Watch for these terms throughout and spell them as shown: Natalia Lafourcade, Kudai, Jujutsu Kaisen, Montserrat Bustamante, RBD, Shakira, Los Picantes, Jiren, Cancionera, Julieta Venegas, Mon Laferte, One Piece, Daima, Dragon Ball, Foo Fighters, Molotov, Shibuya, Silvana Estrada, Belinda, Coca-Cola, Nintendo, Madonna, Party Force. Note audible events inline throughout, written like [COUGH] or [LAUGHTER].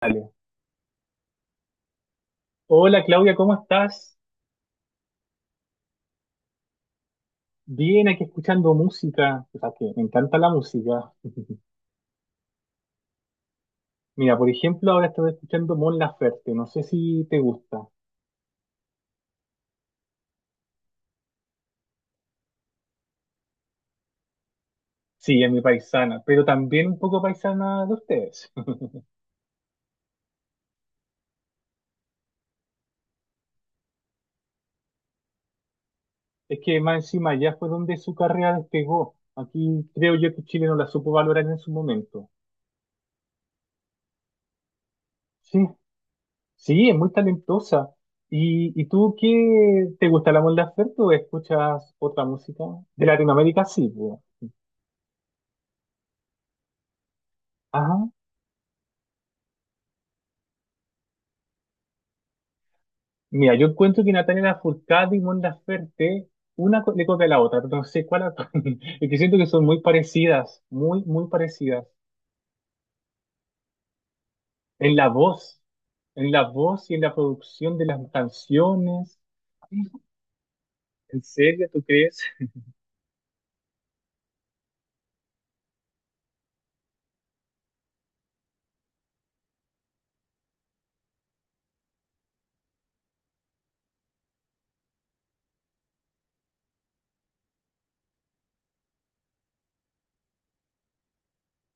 Dale. Hola Claudia, ¿cómo estás? Bien, aquí escuchando música. O sea, que me encanta la música. [LAUGHS] Mira, por ejemplo, ahora estoy escuchando Mon Laferte. No sé si te gusta. Sí, es mi paisana, pero también un poco paisana de ustedes. [LAUGHS] Es que más encima ya fue donde su carrera despegó. Aquí creo yo que Chile no la supo valorar en su momento. Sí, sí, es muy talentosa. ¿Y tú qué te gusta la Mon Laferte o escuchas otra música? De Latinoamérica sí, pues. Ah. Mira, yo encuentro que Natalia Lafourcade y Mon Laferte, le copia a la otra, no sé cuál actúa. [LAUGHS] Es que siento que son muy parecidas, muy, muy parecidas. En la voz, en la voz y en la producción de las canciones. ¿En serio, tú crees?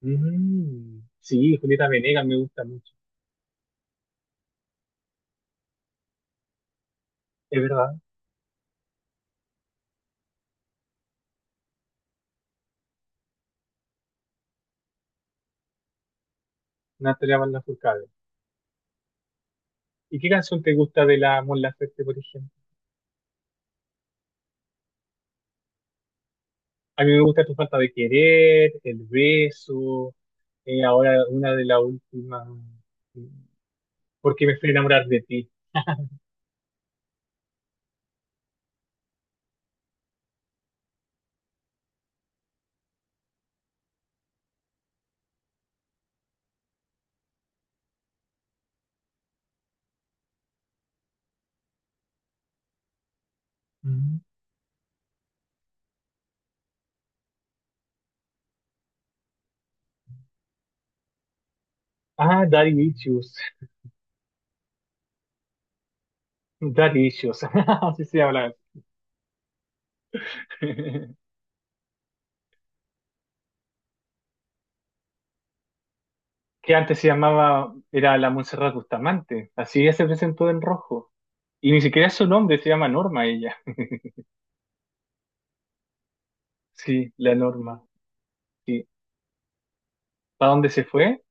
Mm, sí, Julieta Venegas me gusta mucho. Es verdad, Natalia Lafourcade. ¿Y qué canción te gusta de la Mon Laferte, por ejemplo? A mí me gusta Tu falta de querer, El beso, ahora una de las últimas. Porque me fui a enamorar de ti. Mm. Ah, Daddy Issues. Daddy Issues. [LAUGHS] Así se habla. [LAUGHS] Que antes se llamaba, era la Montserrat Bustamante. Así ella se presentó en rojo. Y ni siquiera es su nombre, se llama Norma ella. [LAUGHS] Sí, la Norma. Sí. ¿Para dónde se fue?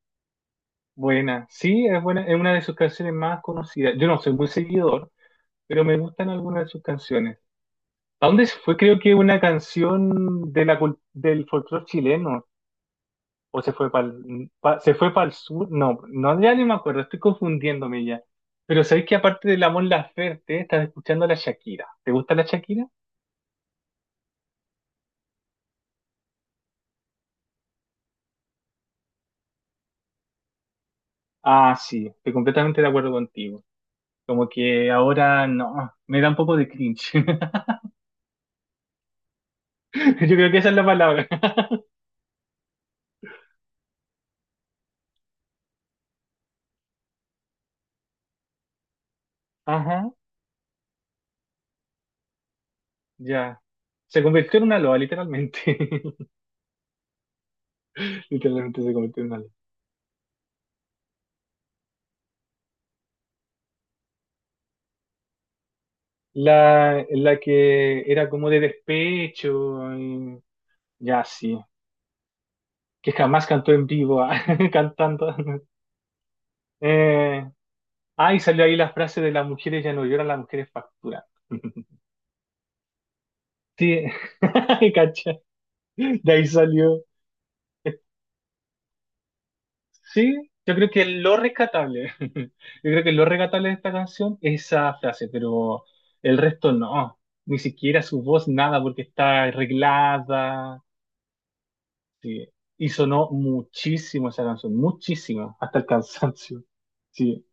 Buena. Sí, es buena, es una de sus canciones más conocidas. Yo no soy muy seguidor, pero me gustan algunas de sus canciones. ¿A dónde se fue? Creo que una canción de la, del folclore chileno, o se fue para el, se fue para el sur, no, no, ya ni me acuerdo, estoy confundiéndome ya. Pero sabéis que aparte de la Mon Laferte, estás escuchando a la Shakira. ¿Te gusta la Shakira? Ah, sí, estoy completamente de acuerdo contigo. Como que ahora no, me da un poco de cringe. [LAUGHS] Yo creo que esa es la palabra. [LAUGHS] Ajá, ya. Se convirtió en una loa, literalmente. [LAUGHS] Literalmente se convirtió en una loa. La que era como de despecho. Ya, sí. Que jamás cantó en vivo, ah, [LAUGHS] cantando. Eh, y salió ahí la frase de las mujeres ya no lloran, las mujeres facturan. [LAUGHS] Sí, [LAUGHS] cacha. De ahí salió. Sí, yo creo que lo rescatable, [LAUGHS] yo creo que lo rescatable de esta canción es esa frase, pero el resto no, ni siquiera su voz, nada, porque está arreglada. Sí. Y sonó muchísimo esa canción, muchísimo, hasta el cansancio. Sí.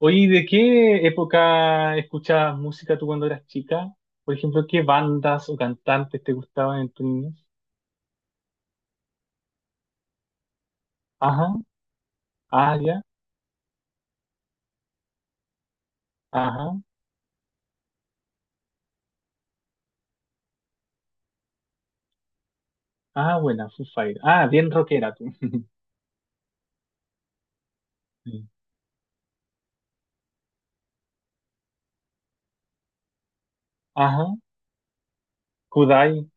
Oye, ¿y de qué época escuchabas música tú cuando eras chica? Por ejemplo, ¿qué bandas o cantantes te gustaban en tu niñez? Ajá, ah, ya, ajá, ah, buena, Foo Fighters. Ah, bien rockera tú. [LAUGHS] Ajá, Kudai,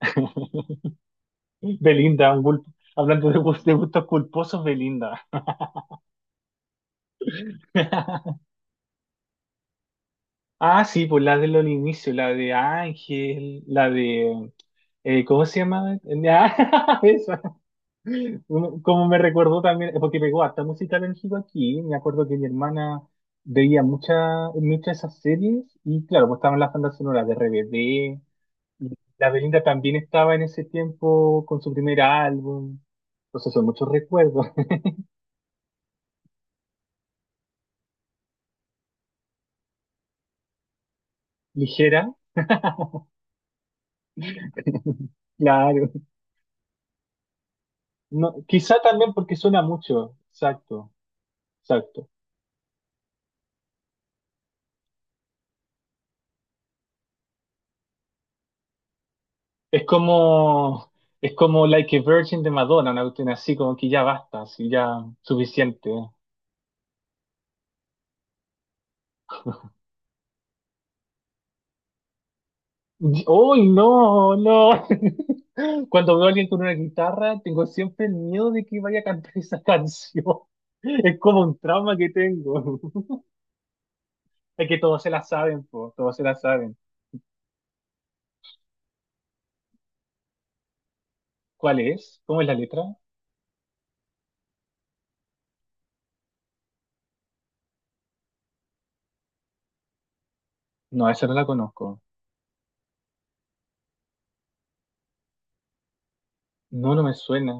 [LAUGHS] Belinda, hablando de, de gustos culposos, Belinda. [LAUGHS] Ah, sí, pues la de los inicios, la de Ángel, la de... ¿cómo se llama? [LAUGHS] Ah, [LAUGHS] esa. Como me recordó también, porque pegó harta música México aquí, me acuerdo que mi hermana veía muchas esas series y claro, pues estaban las bandas sonoras de RBD y la Belinda también estaba en ese tiempo con su primer álbum, entonces son muchos recuerdos. [LAUGHS] Ligera, claro. No, quizá también porque suena mucho, exacto, exacto. Es como, es como Like a Virgin de Madonna, una cuestión así como que ya basta, así ya suficiente. ¡Uy, no, no! [LAUGHS] Cuando veo a alguien con una guitarra, tengo siempre el miedo de que vaya a cantar esa canción. [LAUGHS] Es como un trauma que tengo. [LAUGHS] Es que todos se la saben, po, todos se la saben. ¿Cuál es? ¿Cómo es la letra? No, esa no la conozco. No, no me suena.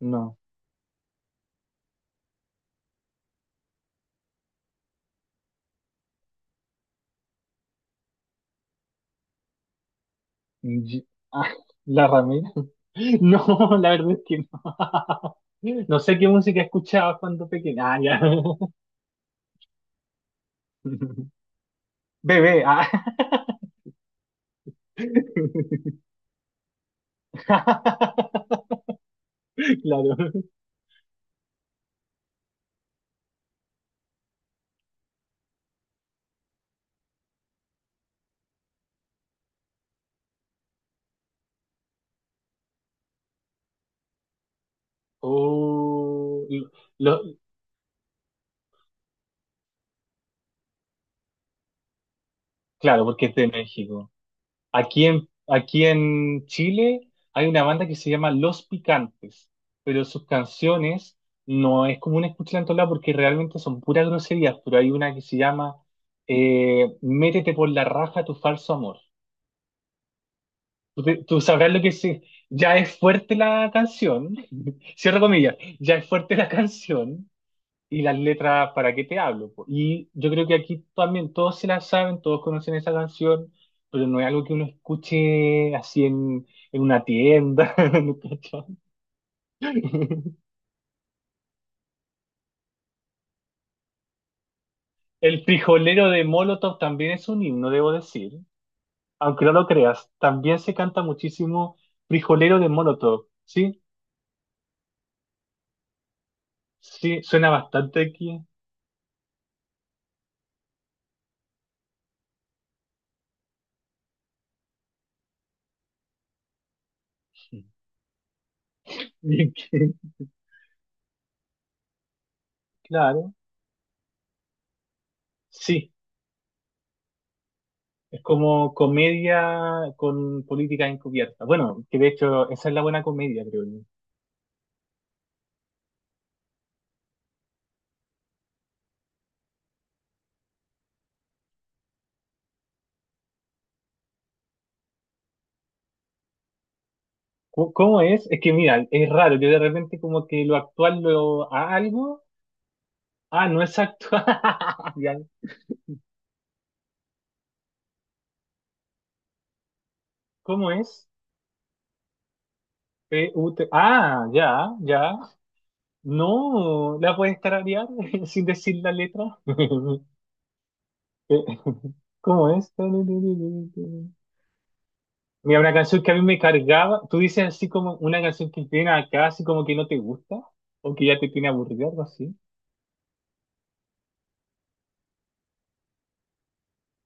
No. Y- ah, ¿La ramera? [LAUGHS] No, la verdad es que no. [LAUGHS] No sé qué música escuchaba cuando pequeña. Ah, ya. [LAUGHS] Bebé. Ah. [LAUGHS] [LAUGHS] Claro. Oh, lo- claro, porque es de México. Aquí en Chile hay una banda que se llama Los Picantes, pero sus canciones no es común escucharla en todos lados porque realmente son puras groserías, pero hay una que se llama Métete por la raja tu falso amor. Tú, tú sabrás lo que es. Ya es fuerte la canción, [LAUGHS] cierro comillas, ya es fuerte la canción, y las letras ¿Para qué te hablo? Po. Y yo creo que aquí también todos se la saben, todos conocen esa canción, pero no es algo que uno escuche así en una tienda. [LAUGHS] ¿Cachai? El frijolero de Molotov también es un himno, debo decir. Aunque no lo creas, también se canta muchísimo frijolero de Molotov. Sí, sí, suena bastante aquí. [LAUGHS] Bien que- Claro, sí. Es como comedia con política encubierta. Bueno, que de hecho esa es la buena comedia, creo yo. ¿Cómo cómo es? Es que mira, es raro, yo de repente como que lo actual lo a algo. Ah, no es actual. [LAUGHS] Ya. ¿Cómo es? P U T- Ah, ya, ya. No, la puedes tararear [LAUGHS] sin decir la letra. [LAUGHS] ¿Cómo es? Mira, una canción que a mí me cargaba, tú dices así como una canción que tiene acá, así como que no te gusta, o que ya te tiene aburrido algo así.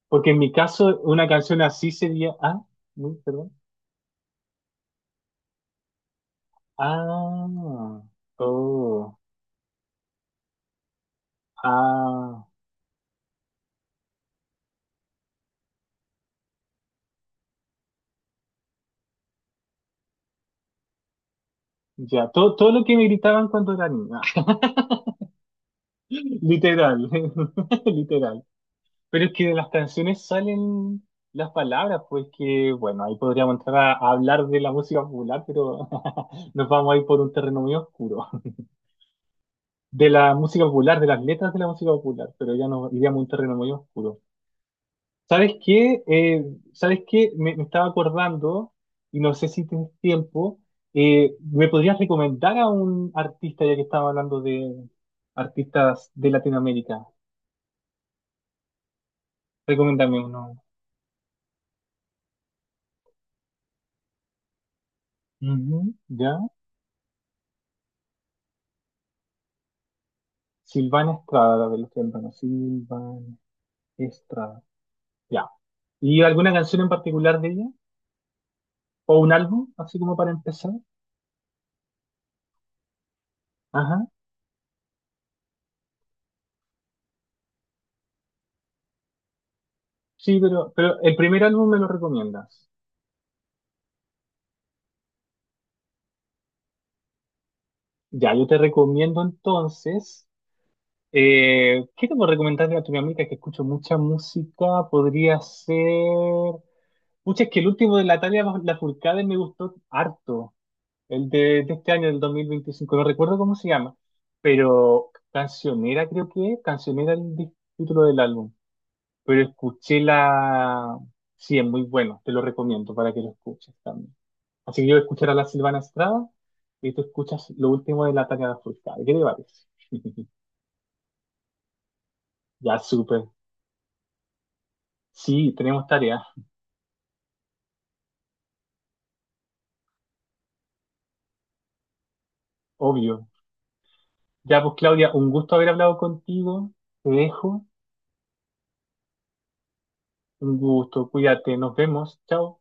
Porque en mi caso, una canción así sería, perdón, ah, oh, ah, ya, todo, todo lo que me gritaban cuando era niña, [LAUGHS] literal, [LAUGHS] literal. Pero es que de las canciones salen las palabras, pues que, bueno, ahí podríamos entrar a hablar de la música popular, pero [LAUGHS] nos vamos a ir por un terreno muy oscuro. De la música popular, de las letras de la música popular, pero ya nos iríamos a un terreno muy oscuro. ¿Sabes qué? ¿Sabes qué? Me estaba acordando, y no sé si tienes tiempo, ¿me podrías recomendar a un artista, ya que estaba hablando de artistas de Latinoamérica? Recomiéndame uno. Ujú, ¿ya? Silvana Estrada, la de los tempranos. Silvana Estrada, ya. ¿Y alguna canción en particular de ella? ¿O un álbum, así como para empezar? Sí, pero el primer álbum me lo recomiendas. Ya, yo te recomiendo entonces. ¿Qué te puedo recomendar de Latinoamérica? Que escucho mucha música. Podría ser. Pucha, es que el último de Natalia Lafourcade me gustó harto. El de este año, del 2025. No recuerdo cómo se llama. Pero Cancionera, creo que es. Cancionera es el título del álbum. Pero escuché la... Sí, es muy bueno, te lo recomiendo para que lo escuches también. Así que yo voy a escuchar a la Silvana Estrada y tú escuchas lo último de la tarea de Fulcade. ¿Qué te parece? [LAUGHS] Ya, súper. Sí, tenemos tarea, obvio. Ya, pues Claudia, un gusto haber hablado contigo. Te dejo. Un gusto, cuídate, nos vemos. Chao.